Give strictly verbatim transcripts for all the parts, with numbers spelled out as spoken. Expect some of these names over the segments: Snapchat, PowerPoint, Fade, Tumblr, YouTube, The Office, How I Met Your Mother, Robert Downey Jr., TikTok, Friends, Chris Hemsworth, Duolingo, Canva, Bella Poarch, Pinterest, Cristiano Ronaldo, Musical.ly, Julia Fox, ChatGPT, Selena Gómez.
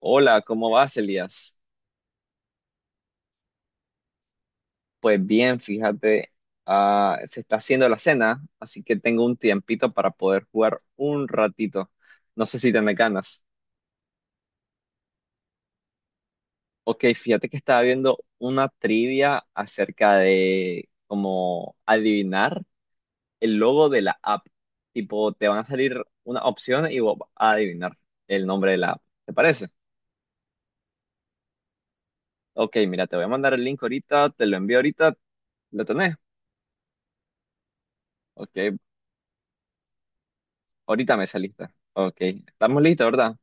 Hola, ¿cómo vas, Elías? Pues bien, fíjate, ah, se está haciendo la cena, así que tengo un tiempito para poder jugar un ratito. No sé si te me ganas. Ok, fíjate que estaba viendo una trivia acerca de cómo adivinar el logo de la app. Tipo, te van a salir una opción y vos vas a adivinar el nombre de la app. ¿Te parece? Ok, mira, te voy a mandar el link ahorita, te lo envío ahorita, ¿lo tenés? Ok, ahorita me saliste. Ok, estamos listos, ¿verdad?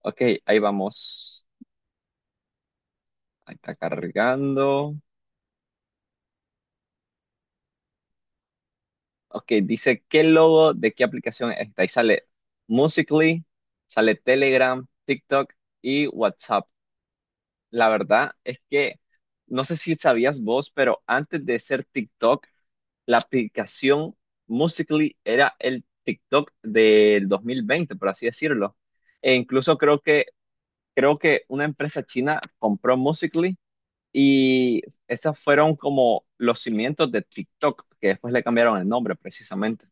Ok, ahí vamos. Ahí está cargando. Ok, dice, ¿qué logo de qué aplicación es esta? Y sale Musical.ly, sale Telegram, TikTok y WhatsApp. La verdad es que no sé si sabías vos, pero antes de ser TikTok, la aplicación Musical.ly era el TikTok del dos mil veinte, por así decirlo. E incluso creo que, creo que una empresa china compró Musical.ly, y esos fueron como los cimientos de TikTok, que después le cambiaron el nombre precisamente.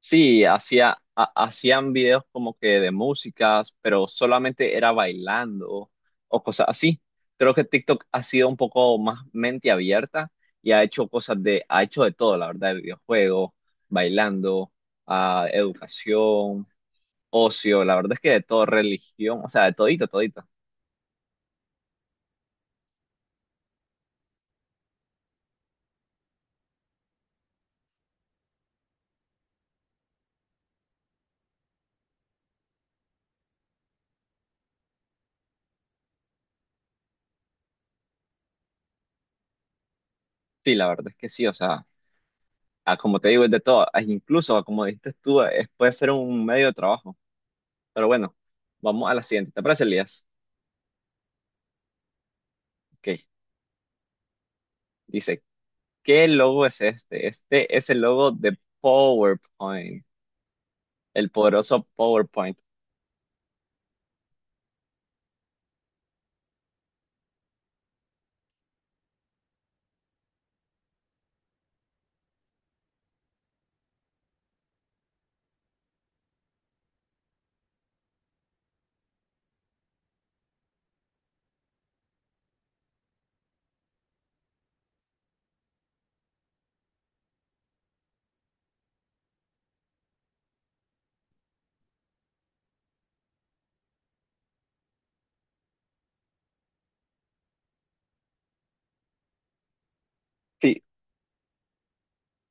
Sí, hacía, ha- hacían videos como que de músicas, pero solamente era bailando o cosas así. Creo que TikTok ha sido un poco más mente abierta y ha hecho cosas de, ha hecho de todo, la verdad: videojuegos, bailando, ah, educación, ocio, la verdad es que de todo, religión, o sea, de todito, todito. Sí, la verdad es que sí, o sea, ah, como te digo, es de todo. Ah, incluso, como dijiste tú, es- puede ser un medio de trabajo. Pero bueno, vamos a la siguiente. ¿Te parece, Elías? Ok. Dice, ¿qué logo es este? Este es el logo de PowerPoint, el poderoso PowerPoint. Sí,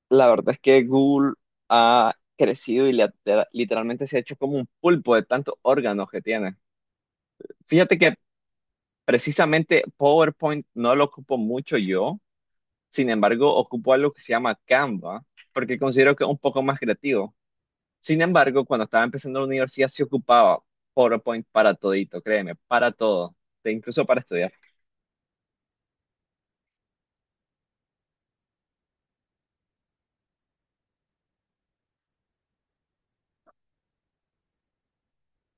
la verdad es que Google ha crecido y le literalmente se ha hecho como un pulpo de tantos órganos que tiene. Fíjate que precisamente PowerPoint no lo ocupo mucho yo. Sin embargo, ocupo algo que se llama Canva, porque considero que es un poco más creativo. Sin embargo, cuando estaba empezando la universidad, sí ocupaba PowerPoint para todito, créeme, para todo, e incluso para estudiar.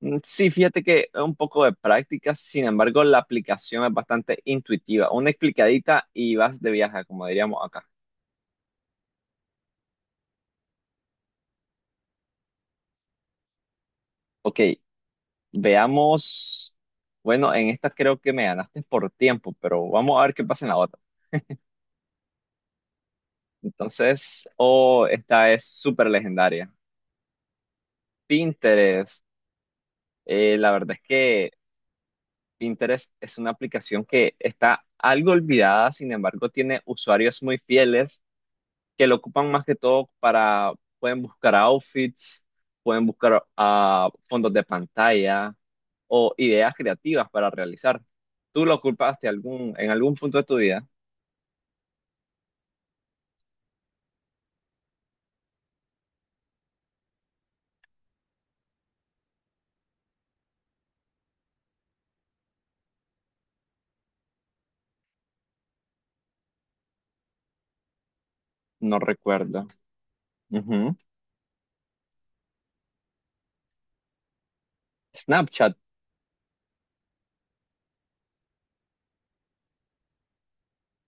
Mm, sí, fíjate que es un poco de práctica, sin embargo, la aplicación es bastante intuitiva. Una explicadita y vas de viaje, como diríamos acá. Ok, veamos. Bueno, en esta creo que me ganaste por tiempo, pero vamos a ver qué pasa en la otra. Entonces, oh, esta es súper legendaria. Pinterest. Eh, la verdad es que Pinterest es una aplicación que está algo olvidada, sin embargo, tiene usuarios muy fieles que lo ocupan más que todo para, pueden buscar outfits, pueden buscar ah, fondos de pantalla o ideas creativas para realizar. ¿Tú lo ocupaste algún, en algún punto de tu vida? No recuerdo. Ujú. Snapchat.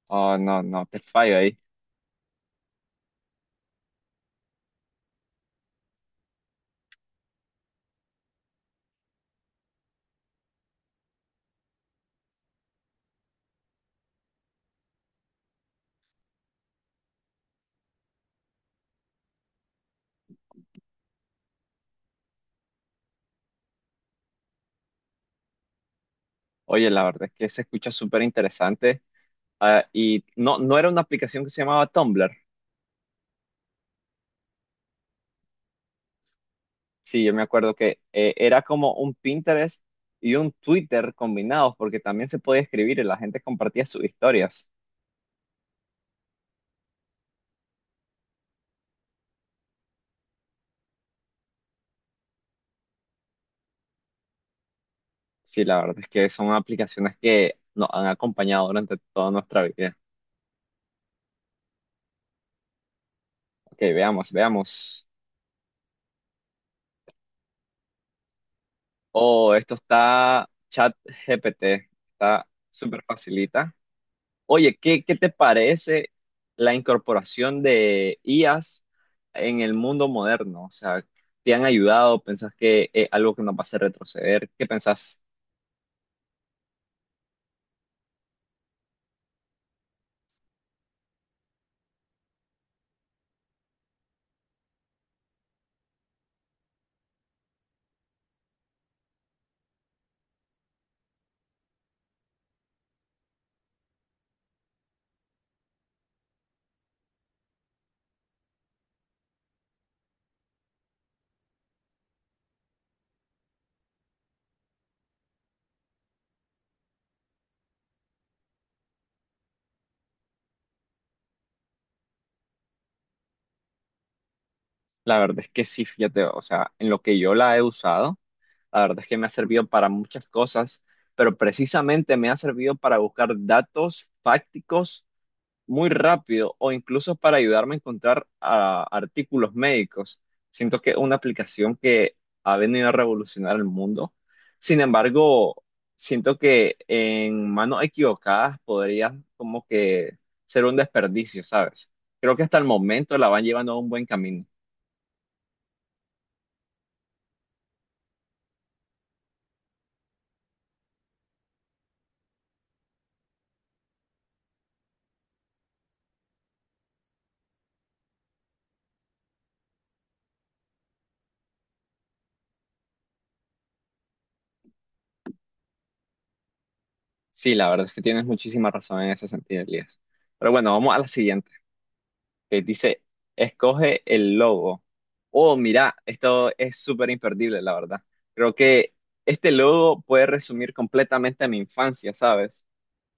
Oh, no, no, te fallo. Oye, la verdad es que se escucha súper interesante. Ah, y no, no era una aplicación que se llamaba Tumblr. Sí, yo me acuerdo que eh, era como un Pinterest y un Twitter combinados, porque también se podía escribir y la gente compartía sus historias. Sí, la verdad es que son aplicaciones que nos han acompañado durante toda nuestra vida. Ok, veamos, veamos. Oh, esto está chat G P T, Está súper facilita. Oye, ¿qué, ¿qué te parece la incorporación de I As en el mundo moderno? O sea, ¿te han ayudado? ¿Pensás que es algo que nos va a hacer retroceder? ¿Qué pensás? La verdad es que sí, fíjate, o sea, en lo que yo la he usado, la verdad es que me ha servido para muchas cosas, pero precisamente me ha servido para buscar datos fácticos muy rápido o incluso para ayudarme a encontrar ah, artículos médicos. Siento que es una aplicación que ha venido a revolucionar el mundo. Sin embargo, siento que en manos equivocadas podría como que ser un desperdicio, ¿sabes? Creo que hasta el momento la van llevando a un buen camino. Sí, la verdad es que tienes muchísima razón en ese sentido, Elías. Pero bueno, vamos a la siguiente, que dice, escoge el logo. Oh, mira, esto es súper imperdible, la verdad. Creo que este logo puede resumir completamente mi infancia, ¿sabes?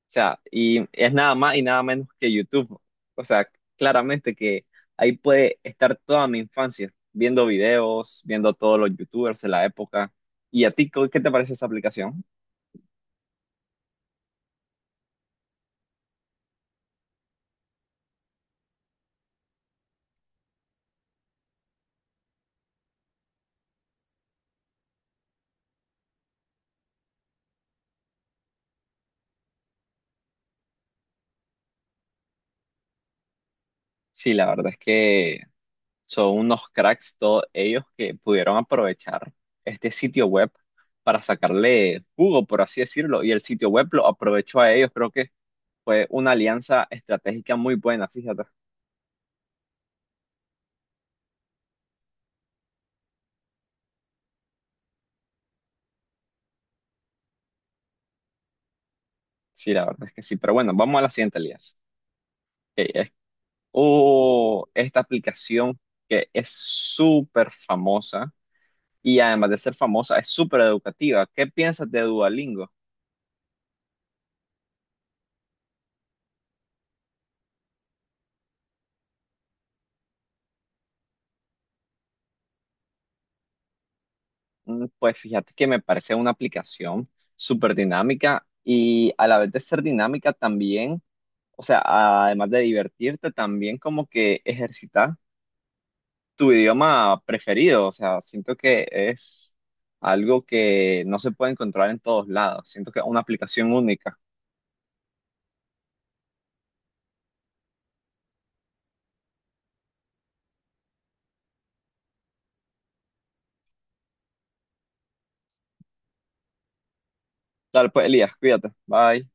O sea, y es nada más y nada menos que YouTube. O sea, claramente que ahí puede estar toda mi infancia, viendo videos, viendo todos los YouTubers de la época. ¿Y a ti, co- qué te parece esa aplicación? Sí, la verdad es que son unos cracks todos ellos que pudieron aprovechar este sitio web para sacarle jugo, por así decirlo, y el sitio web lo aprovechó a ellos. Creo que fue una alianza estratégica muy buena, fíjate. Sí, la verdad es que sí. Pero bueno, vamos a la siguiente alianza, que es, oh, esta aplicación que es súper famosa y, además de ser famosa, es súper educativa. ¿Qué piensas de Duolingo? Mm, pues fíjate que me parece una aplicación súper dinámica y, a la vez de ser dinámica también, o sea, además de divertirte, también como que ejercitas tu idioma preferido, o sea, siento que es algo que no se puede encontrar en todos lados, siento que es una aplicación única. Dale, pues Elías, cuídate, bye.